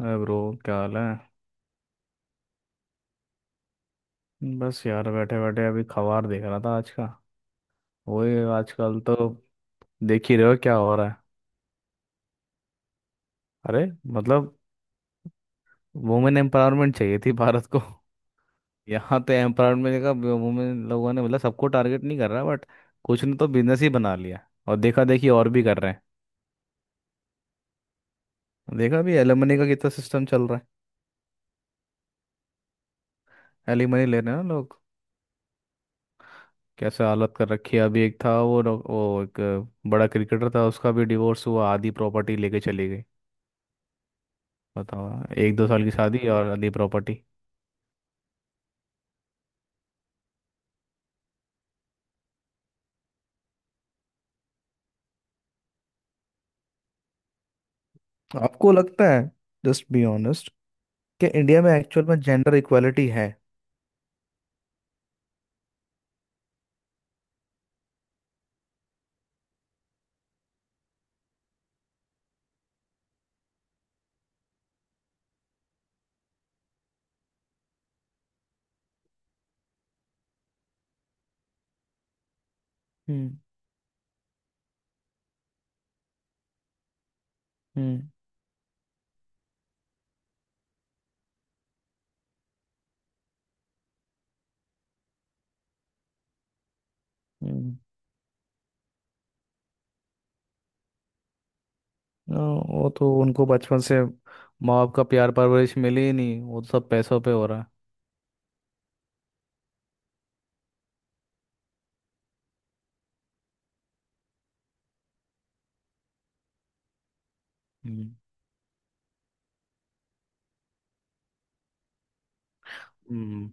अरे ब्रो, क्या हाल है। बस यार बैठे बैठे अभी खबर देख रहा था आज का। वही आजकल तो देख ही रहे हो क्या हो रहा है। अरे मतलब वुमेन एम्पावरमेंट चाहिए थी भारत को। यहाँ तो एम्पावरमेंट का वुमेन लोगों ने मतलब सबको टारगेट नहीं कर रहा बट कुछ ने तो बिजनेस ही बना लिया और देखा देखी और भी कर रहे हैं। देखा अभी एलिमनी का कितना सिस्टम चल रहा है। एलिमनी ले रहे हैं ना लोग। कैसे हालत कर रखी है। अभी एक था वो वो एक बड़ा क्रिकेटर था, उसका भी डिवोर्स हुआ, आधी प्रॉपर्टी लेके चली गई। बताओ, एक दो साल की शादी और आधी प्रॉपर्टी। आपको लगता है, जस्ट बी ऑनेस्ट, कि इंडिया में एक्चुअल में जेंडर इक्वालिटी है। हम्म। हम्म। हम्म। वो तो उनको बचपन से माँ बाप का प्यार परवरिश मिली ही नहीं, वो तो सब पैसों पे हो रहा है। हम्म। हम्म।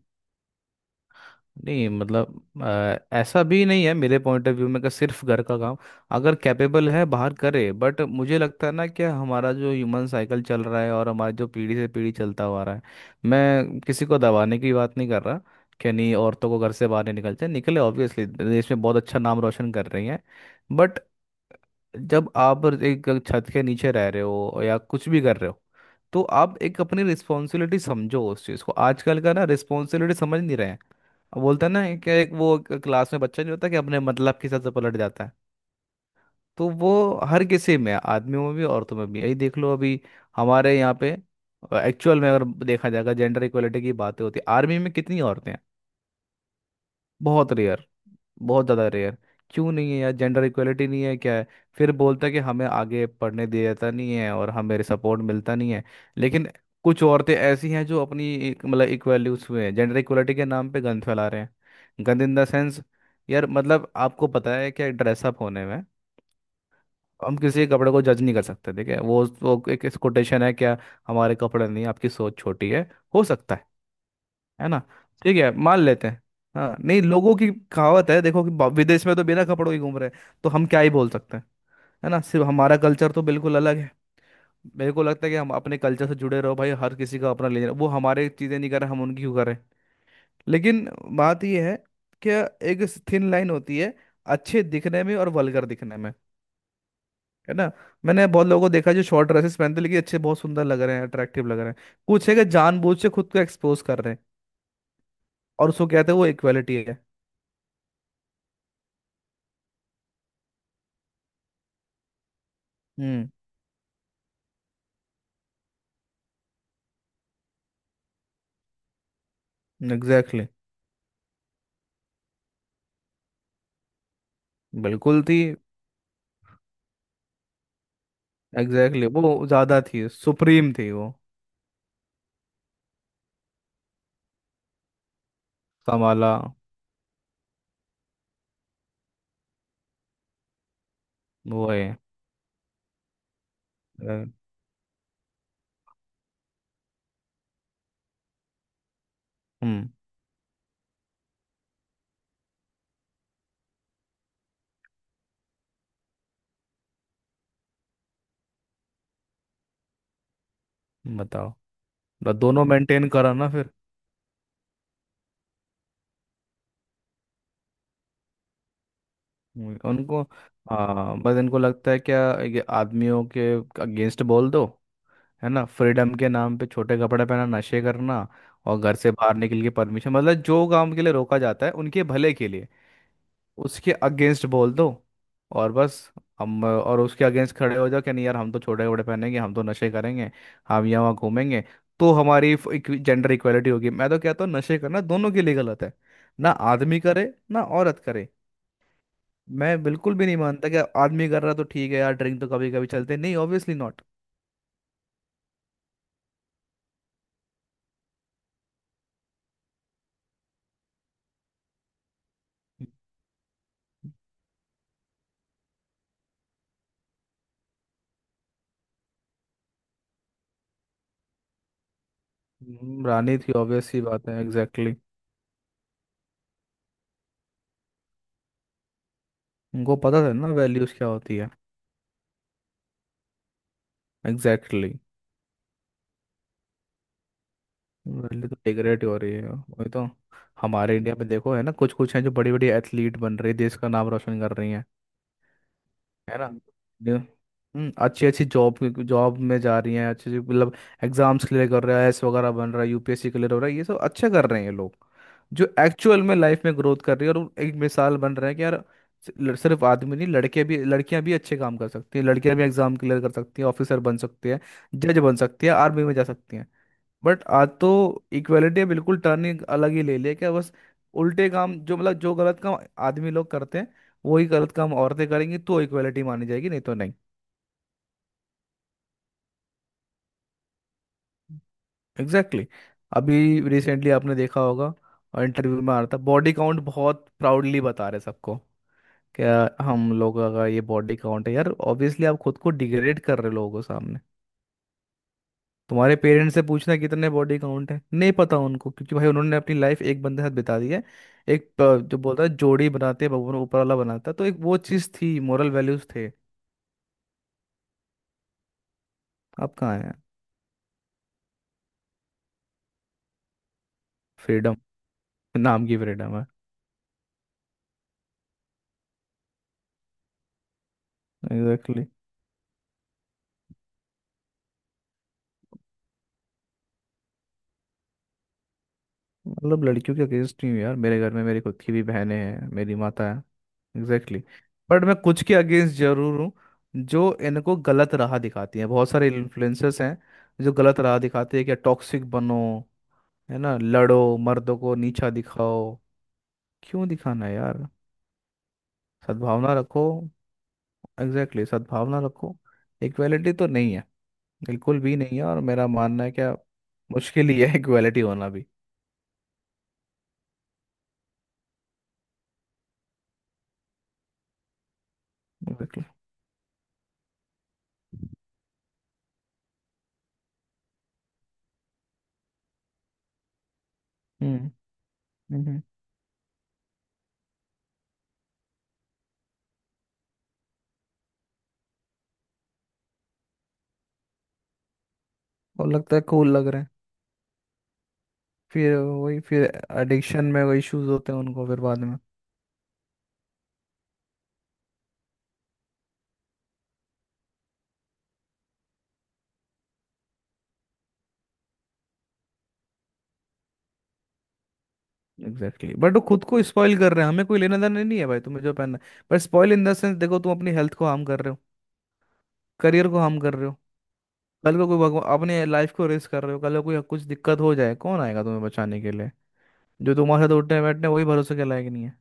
नहीं मतलब, ऐसा भी नहीं है मेरे पॉइंट ऑफ व्यू में कि सिर्फ घर का काम। अगर कैपेबल है बाहर करे, बट मुझे लगता है ना कि हमारा जो ह्यूमन साइकिल चल रहा है और हमारा जो पीढ़ी से पीढ़ी चलता हुआ आ रहा है। मैं किसी को दबाने की बात नहीं कर रहा कि नहीं, औरतों को घर से बाहर नहीं निकलते निकले। ऑब्वियसली देश में बहुत अच्छा नाम रोशन कर रही हैं। बट जब आप एक छत के नीचे रह रहे हो या कुछ भी कर रहे हो, तो आप एक अपनी रिस्पॉन्सिबिलिटी समझो उस चीज़ को। आजकल का ना रिस्पॉन्सिबिलिटी समझ नहीं रहे हैं। अब बोलते हैं ना कि एक वो क्लास में बच्चा नहीं होता कि अपने मतलब के हिसाब से पलट जाता है। तो वो हर किसी में है, आदमियों में भी, औरतों में भी। यही देख लो अभी हमारे यहाँ पे। एक्चुअल में अगर देखा जाएगा, जेंडर इक्वलिटी की बातें होती है, आर्मी में कितनी औरतें हैं। बहुत रेयर। बहुत ज़्यादा रेयर। क्यों नहीं है यार जेंडर इक्वलिटी? नहीं है क्या है। फिर बोलता है कि हमें आगे पढ़ने दिया जाता नहीं है और हमें सपोर्ट मिलता नहीं है। लेकिन कुछ औरतें ऐसी हैं जो अपनी मतलब इक्वल्यूज हुए हैं जेंडर इक्वलिटी के नाम पे गंद फैला रहे हैं। गंद इन द सेंस, यार मतलब आपको पता है क्या ड्रेसअप होने में। हम किसी के कपड़े को जज नहीं कर सकते, ठीक है, वो एक कोटेशन है क्या। हमारे कपड़े नहीं, आपकी सोच छोटी है। हो सकता है ना। ठीक है, मान लेते हैं। हाँ, नहीं लोगों की कहावत है, देखो कि विदेश में तो बिना कपड़ों के घूम रहे हैं, तो हम क्या ही बोल सकते हैं। है ना, सिर्फ हमारा कल्चर तो बिल्कुल अलग है। मेरे को लगता है कि हम अपने कल्चर से जुड़े रहो भाई, हर किसी का अपना लेना। वो हमारे चीज़ें नहीं कर रहे, हम उनकी क्यों करें। लेकिन बात यह है कि एक थिन लाइन होती है अच्छे दिखने में और वल्गर दिखने में। है ना। मैंने बहुत लोगों को देखा है जो शॉर्ट ड्रेसेस पहनते हैं, लेकिन अच्छे, बहुत सुंदर लग रहे हैं, अट्रैक्टिव लग रहे हैं। कुछ है कि जानबूझ से खुद को एक्सपोज कर रहे हैं और उसको कहते हैं वो इक्वालिटी है। हम्म। Exactly, exactly. बिल्कुल थी। Exactly, exactly. वो ज्यादा थी, सुप्रीम थी वो। कमाला। वो है। अ, हम्म बताओ। दोनों मेंटेन करा ना फिर। हम्म। उनको हाँ, बस इनको लगता है क्या ये आदमियों के अगेंस्ट बोल दो। है ना, फ्रीडम के नाम पे छोटे कपड़े पहना, नशे करना और घर से बाहर निकल के परमिशन मतलब जो काम के लिए रोका जाता है उनके भले के लिए, उसके अगेंस्ट बोल दो। और बस हम और उसके अगेंस्ट खड़े हो जाओ कि नहीं यार, हम तो छोटे कपड़े पहनेंगे, हम तो नशे करेंगे, हम यहाँ वहाँ घूमेंगे, तो हमारी जेंडर इक्वालिटी होगी। मैं तो कहता हूँ नशे करना दोनों के लिए गलत है। ना आदमी करे ना औरत करे। मैं बिल्कुल भी नहीं मानता कि आदमी कर रहा तो ठीक है यार, ड्रिंक तो कभी कभी चलते नहीं, ऑब्वियसली नॉट। रानी थी, ऑब्वियस सी बात है, एग्जैक्टली, exactly. उनको पता था ना वैल्यूज क्या होती है। एग्जैक्टली। वैल्यू तो डिग्रेड हो रही है, वही तो। हमारे इंडिया में देखो है ना, कुछ कुछ हैं जो बड़ी बड़ी एथलीट बन रही है, देश का नाम रोशन कर रही हैं। है ना। जो- अच्छी अच्छी जॉब, जॉब में जा रही हैं, अच्छी अच्छी, मतलब एग्जाम्स क्लियर कर रहा है, एस वगैरह बन रहा है, यूपीएससी क्लियर हो रहा है, ये सब अच्छे कर रहे हैं ये लोग। जो एक्चुअल में लाइफ में ग्रोथ कर रही है, और वो एक मिसाल बन रहे हैं कि यार, सिर्फ आदमी नहीं, लड़के भी लड़कियां भी अच्छे काम कर सकती हैं, लड़कियां भी एग्जाम क्लियर कर सकती हैं, ऑफिसर बन सकती है, जज बन सकती है, आर्मी में जा सकती हैं। बट आज तो इक्वेलिटी बिल्कुल टर्न ही, अलग ही ले लिया क्या बस। उल्टे काम, जो मतलब जो गलत काम आदमी लोग करते हैं वही गलत काम औरतें करेंगी तो इक्वेलिटी मानी जाएगी, नहीं तो नहीं। Exactly, exactly. अभी रिसेंटली आपने देखा होगा, और इंटरव्यू में आ रहा था बॉडी काउंट बहुत प्राउडली बता रहे सबको। क्या, हम लोगों का ये बॉडी काउंट है यार, ऑब्वियसली आप खुद को डिग्रेड कर रहे हो लोगों के सामने। तुम्हारे पेरेंट्स से पूछना कितने बॉडी काउंट है, नहीं पता उनको, क्योंकि भाई उन्होंने अपनी लाइफ एक बंदे के साथ बिता दी है। एक जो बोलता है जोड़ी बनाते हैं भगवान, ऊपर वाला बनाता है, तो एक वो चीज़ थी, मोरल वैल्यूज थे। अब कहाँ है फ्रीडम? नाम की फ्रीडम है। Exactly, exactly. मतलब लड़कियों के अगेंस्ट नहीं हूँ यार, मेरे घर में मेरी खुद की भी बहनें हैं, मेरी माता है। Exactly, exactly. बट मैं कुछ के अगेंस्ट जरूर हूँ, जो इनको गलत राह दिखाती हैं। बहुत सारे इन्फ्लुएंसर्स हैं जो गलत राह दिखाते हैं कि टॉक्सिक बनो। है ना, लड़ो, मर्दों को नीचा दिखाओ। क्यों दिखाना है यार। सद्भावना रखो। एग्जैक्टली, exactly, सद्भावना रखो। इक्वालिटी तो नहीं है, बिल्कुल भी नहीं है, और मेरा मानना है क्या, मुश्किल ही है इक्वालिटी होना भी। बिल्कुल। हम्म हम्म और लगता है कूल लग रहे हैं। फिर वही, फिर एडिक्शन में वही इश्यूज होते हैं उनको फिर बाद में। Exactly, exactly. बट वो खुद को स्पॉइल कर रहे हैं, हमें कोई लेना देना नहीं है भाई, तुम्हें जो पहनना है, but spoil in the sense देखो, तुम अपनी हेल्थ को हार्म कर रहे हो, करियर को हार्म कर रहे हो। कल को कोई, भगवान, अपने लाइफ को रिस्क कर रहे हो, कल को कोई कुछ दिक्कत हो जाए, कौन आएगा तुम्हें बचाने के लिए। जो तुम्हारे साथ उठने बैठने, वही भरोसे के लायक नहीं है।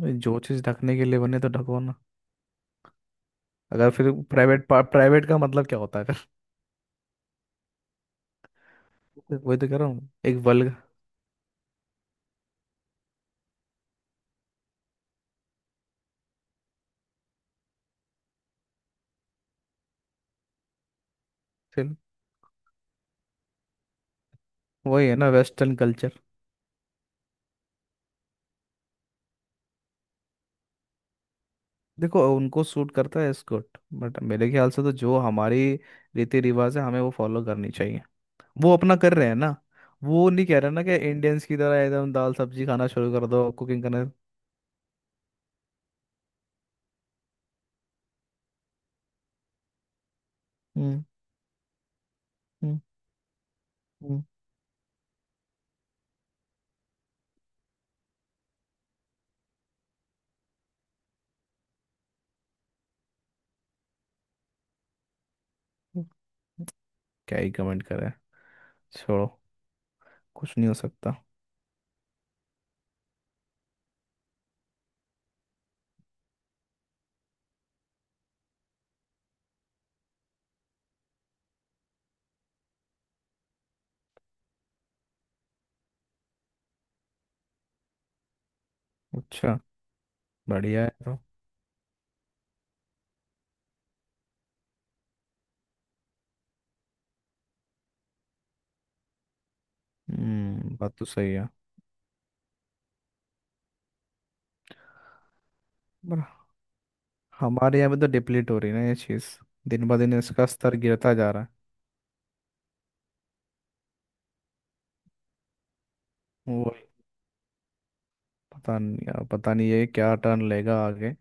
भाई जो चीज़ ढकने के लिए बने तो ढको ना। अगर फिर प्राइवेट, प्राइवेट का मतलब क्या होता है फिर। वही तो कह रहा हूँ एक वल्ग फिर वही है ना, वेस्टर्न कल्चर। देखो उनको सूट करता है एस्कॉर्ट, बट मेरे ख्याल से तो जो हमारी रीति रिवाज है, हमें वो फॉलो करनी चाहिए। वो अपना कर रहे हैं ना, वो नहीं कह रहे ना कि इंडियंस की तरह एकदम दाल सब्जी खाना शुरू कर दो, कुकिंग करना। हम्म। हम्म। हम्म। क्या ही कमेंट करे। छोड़ो, कुछ नहीं हो सकता। अच्छा, बढ़िया है तो। बात तो सही है। पर हमारे यहाँ पे तो डिप्लीट हो रही है ना ये चीज़, दिन ब दिन इसका स्तर गिरता जा रहा है। वो पता नहीं यार, पता नहीं ये क्या टर्न लेगा आगे।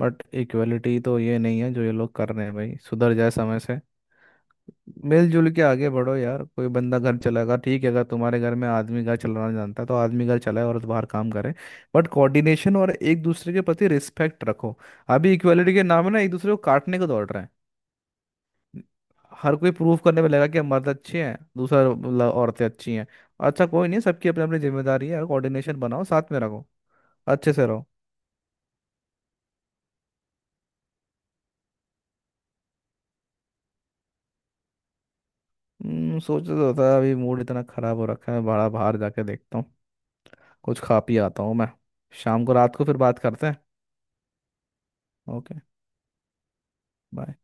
बट इक्वलिटी तो ये नहीं है जो ये लोग कर रहे हैं भाई, सुधर जाए समय से। मिलजुल के आगे बढ़ो यार, कोई बंदा घर चलाएगा ठीक है, अगर तुम्हारे घर में आदमी घर चलाना जानता है, तो आदमी घर चलाए और बाहर काम करे। बट कोऑर्डिनेशन और एक दूसरे के प्रति रिस्पेक्ट रखो। अभी इक्वालिटी के नाम है ना, एक दूसरे को काटने को दौड़ रहे हैं। हर कोई प्रूव करने में लगा कि हम मर्द अच्छे हैं, दूसरा औरतें अच्छी हैं। अच्छा कोई नहीं, सबकी अपनी अपनी जिम्मेदारी है यार, कोऑर्डिनेशन बनाओ, साथ में रखो, अच्छे से रहो। सोचा तो था। अभी मूड इतना खराब हो रखा है बड़ा, बाहर जाके देखता हूँ, कुछ खा पी आता हूँ मैं। शाम को, रात को फिर बात करते हैं। ओके। बाय।